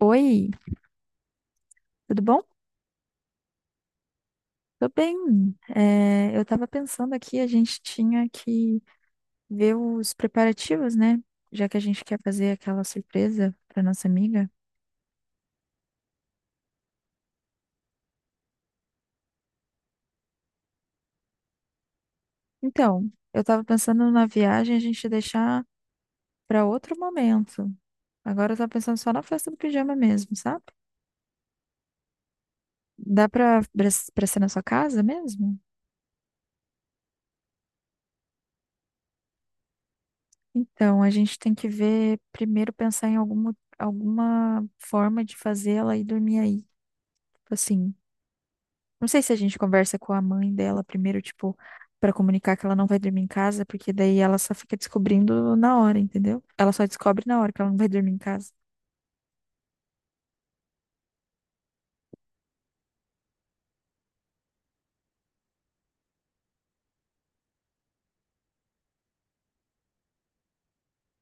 Oi, tudo bom? Tô bem. É, eu tava pensando aqui, a gente tinha que ver os preparativos, né? Já que a gente quer fazer aquela surpresa pra nossa amiga. Então, eu tava pensando na viagem a gente deixar pra outro momento. Agora eu tava pensando só na festa do pijama mesmo, sabe? Dá pra ser na sua casa mesmo? Então, a gente tem que ver, primeiro pensar em alguma forma de fazer ela ir dormir aí. Tipo assim, não sei se a gente conversa com a mãe dela primeiro, tipo, pra comunicar que ela não vai dormir em casa, porque daí ela só fica descobrindo na hora, entendeu? Ela só descobre na hora que ela não vai dormir em casa.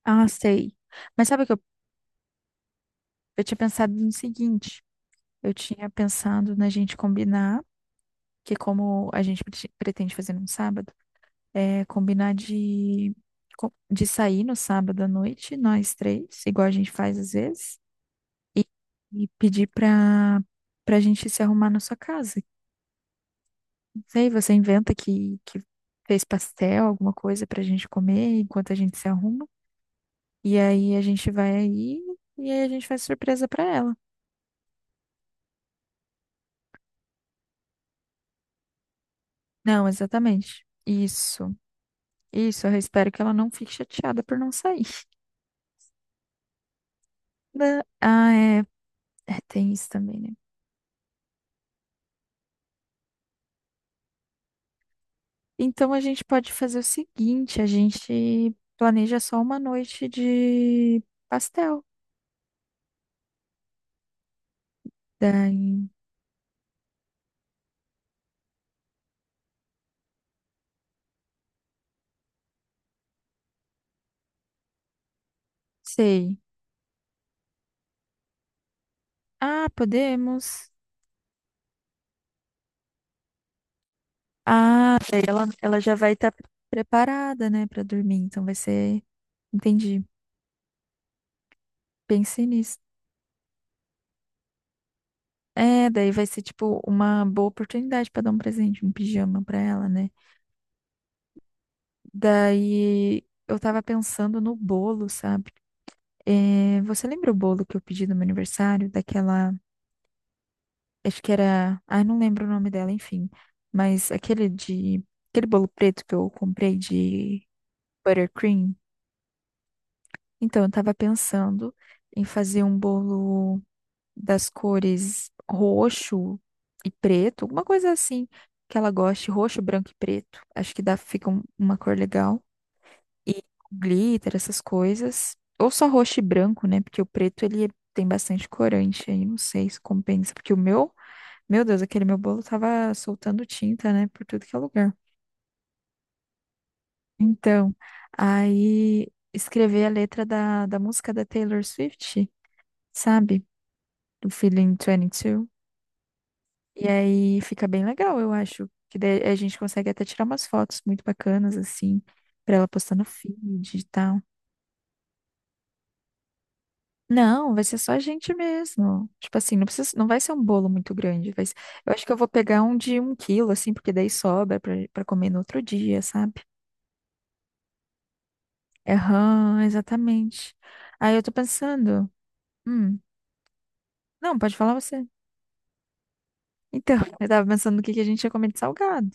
Ah, sei. Mas sabe o que eu tinha pensado no seguinte? Eu tinha pensado na gente combinar, que como a gente pretende fazer num sábado, é combinar de sair no sábado à noite, nós três, igual a gente faz às vezes, e, e pedir pra gente se arrumar na sua casa. Sei, você inventa que fez pastel, alguma coisa pra gente comer enquanto a gente se arruma. E aí a gente vai aí e aí a gente faz surpresa pra ela. Não, exatamente. Isso. Isso, eu espero que ela não fique chateada por não sair. Ah, é, tem isso também, né? Então a gente pode fazer o seguinte, a gente planeja só uma noite de pastel. Daí, sei. Ah, podemos. Ah, daí ela já vai estar preparada, né, pra dormir. Então vai ser. Entendi. Pensei nisso. É, daí vai ser tipo uma boa oportunidade pra dar um presente, um pijama pra ela, né? Daí eu tava pensando no bolo, sabe? É, você lembra o bolo que eu pedi no meu aniversário? Daquela. Acho que era. Ai, não lembro o nome dela, enfim. Mas aquele de. Aquele bolo preto que eu comprei de buttercream. Então, eu tava pensando em fazer um bolo das cores roxo e preto, alguma coisa assim que ela goste, roxo, branco e preto. Acho que dá, fica uma cor legal. E glitter, essas coisas. Ou só roxo e branco, né? Porque o preto ele tem bastante corante aí, não sei se compensa, porque o meu, meu Deus, aquele meu bolo tava soltando tinta, né, por tudo que é lugar. Então, aí escrever a letra da música da Taylor Swift, sabe? Do Feeling 22. E aí fica bem legal, eu acho. Que daí a gente consegue até tirar umas fotos muito bacanas, assim, pra ela postar no feed e tal. Não, vai ser só a gente mesmo. Tipo assim, não precisa, não vai ser um bolo muito grande. Eu acho que eu vou pegar um de 1 quilo, assim, porque daí sobra pra comer no outro dia, sabe? Aham, exatamente. Aí eu tô pensando. Hum, não, pode falar você. Então, eu tava pensando no que a gente ia comer de salgado.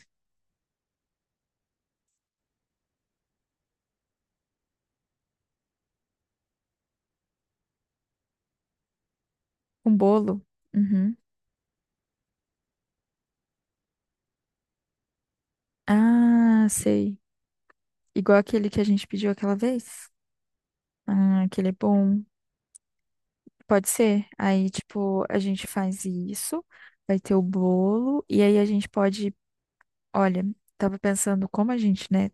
Um bolo. Uhum. Ah, sei. Igual aquele que a gente pediu aquela vez. Ah, aquele é bom. Pode ser. Aí, tipo, a gente faz isso, vai ter o bolo, e aí a gente pode. Olha, tava pensando como a gente, né,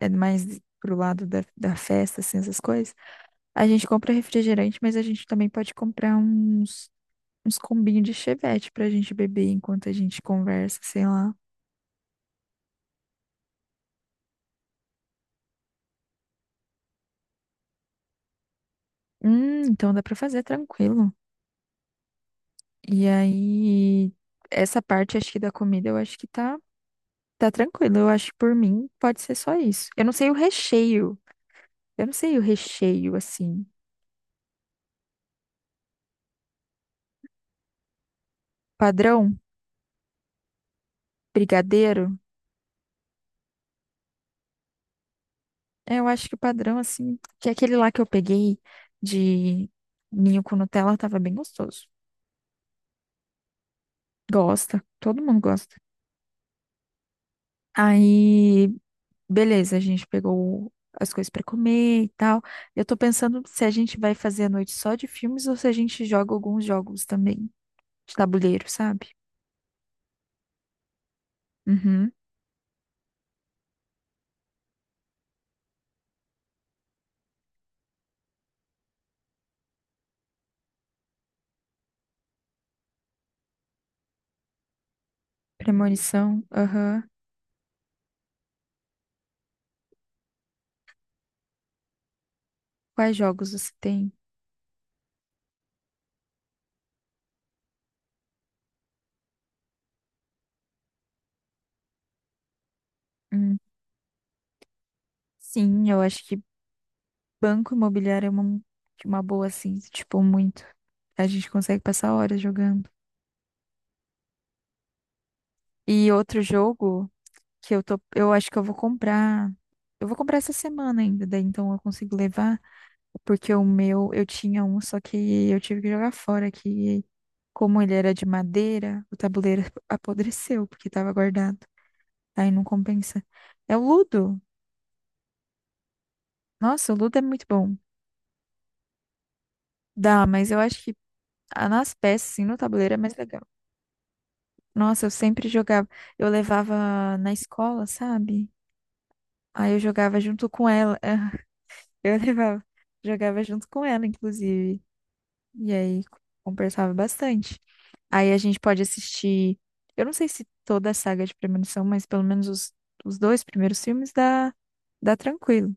é mais pro lado da festa, assim, essas coisas. A gente compra refrigerante, mas a gente também pode comprar uns combinhos de chevette pra gente beber enquanto a gente conversa, sei lá. Então dá pra fazer tranquilo. E aí, essa parte, acho que da comida, eu acho que tá. Tá tranquilo, eu acho que por mim pode ser só isso. Eu não sei o recheio. Eu não sei o recheio, assim. Padrão? Brigadeiro? É, eu acho que o padrão, assim, que é aquele lá que eu peguei de ninho com Nutella tava bem gostoso. Gosta, todo mundo gosta. Aí, beleza, a gente pegou as coisas pra comer e tal. Eu tô pensando se a gente vai fazer a noite só de filmes ou se a gente joga alguns jogos também de tabuleiro, sabe? Uhum. Premonição, aham. Quais jogos você tem? Hum, sim, eu acho que Banco Imobiliário é uma boa, assim, tipo, muito. A gente consegue passar horas jogando. E outro jogo que eu acho que eu vou comprar. Eu vou comprar essa semana ainda, daí então eu consigo levar, porque o meu, eu tinha um, só que eu tive que jogar fora, que como ele era de madeira, o tabuleiro apodreceu, porque tava guardado. Aí não compensa. É o Ludo. Nossa, o Ludo é muito bom. Dá, mas eu acho que ah, nas peças, assim, no tabuleiro é mais legal. Nossa, eu sempre jogava. Eu levava na escola, sabe? Aí eu jogava junto com ela. Eu levava. Jogava junto com ela, inclusive. E aí conversava bastante. Aí a gente pode assistir. Eu não sei se toda a saga é de Premonição, mas pelo menos os dois primeiros filmes dá tranquilo.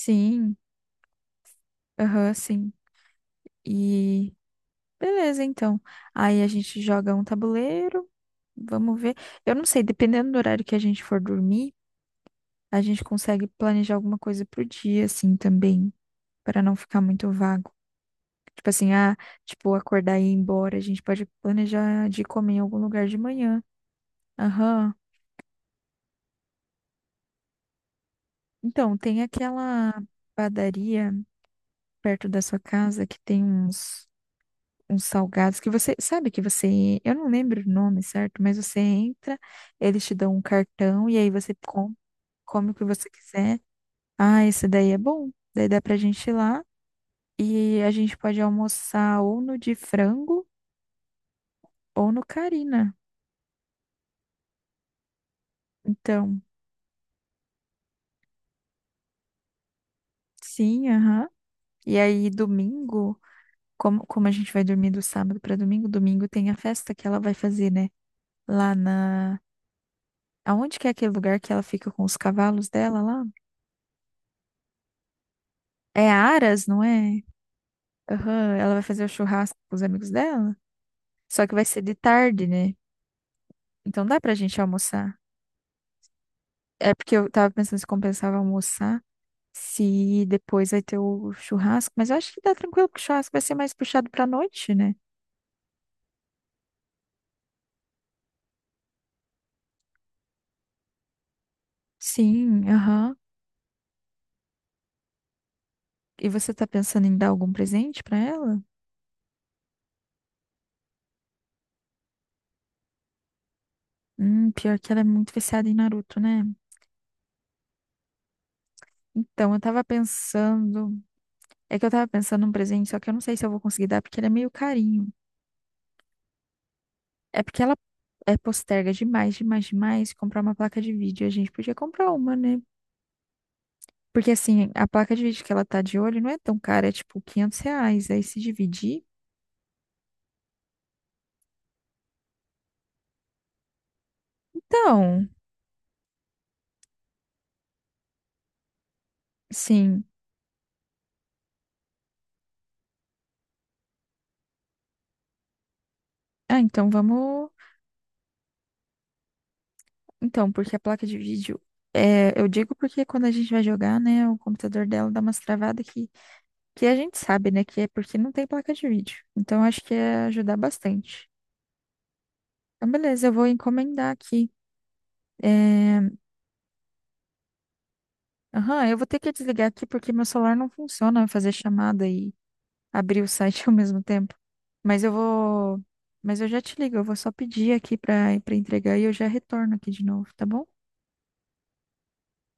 Sim, aham, sim. E beleza, então. Aí a gente joga um tabuleiro. Vamos ver. Eu não sei, dependendo do horário que a gente for dormir, a gente consegue planejar alguma coisa pro dia, assim, também, para não ficar muito vago. Tipo assim, tipo, acordar e ir embora, a gente pode planejar de comer em algum lugar de manhã. Aham. Então, tem aquela padaria perto da sua casa que tem uns salgados que você sabe que você, eu não lembro o nome, certo? Mas você entra, eles te dão um cartão e aí você come o que você quiser. Ah, esse daí é bom. Daí dá pra gente ir lá e a gente pode almoçar ou no de frango ou no Carina. Então, sim, aham. E aí, domingo, como a gente vai dormir do sábado pra domingo, domingo tem a festa que ela vai fazer, né? Lá na. Aonde que é aquele lugar que ela fica com os cavalos dela lá? É Aras, não é? Aham, ela vai fazer o churrasco com os amigos dela. Só que vai ser de tarde, né? Então dá pra gente almoçar. É porque eu tava pensando se compensava almoçar, se depois vai ter o churrasco, mas eu acho que dá tranquilo, porque o churrasco vai ser mais puxado pra noite, né? Sim, aham. E você tá pensando em dar algum presente pra ela? Pior que ela é muito viciada em Naruto, né? Então, eu tava pensando. É que eu tava pensando num presente, só que eu não sei se eu vou conseguir dar, porque ele é meio carinho. É porque ela é posterga demais, demais, demais comprar uma placa de vídeo. A gente podia comprar uma, né? Porque assim, a placa de vídeo que ela tá de olho não é tão cara, é tipo R$ 500. Aí se dividir. Então. Sim. Ah, então vamos. Então, porque a placa de vídeo. É, eu digo porque quando a gente vai jogar, né, o computador dela dá umas travadas que a gente sabe, né, que é porque não tem placa de vídeo. Então, acho que ia ajudar bastante. Então, beleza, eu vou encomendar aqui. É, Aham, eu vou ter que desligar aqui porque meu celular não funciona fazer chamada e abrir o site ao mesmo tempo. Mas eu vou. Mas eu já te ligo, eu vou só pedir aqui pra entregar e eu já retorno aqui de novo, tá bom?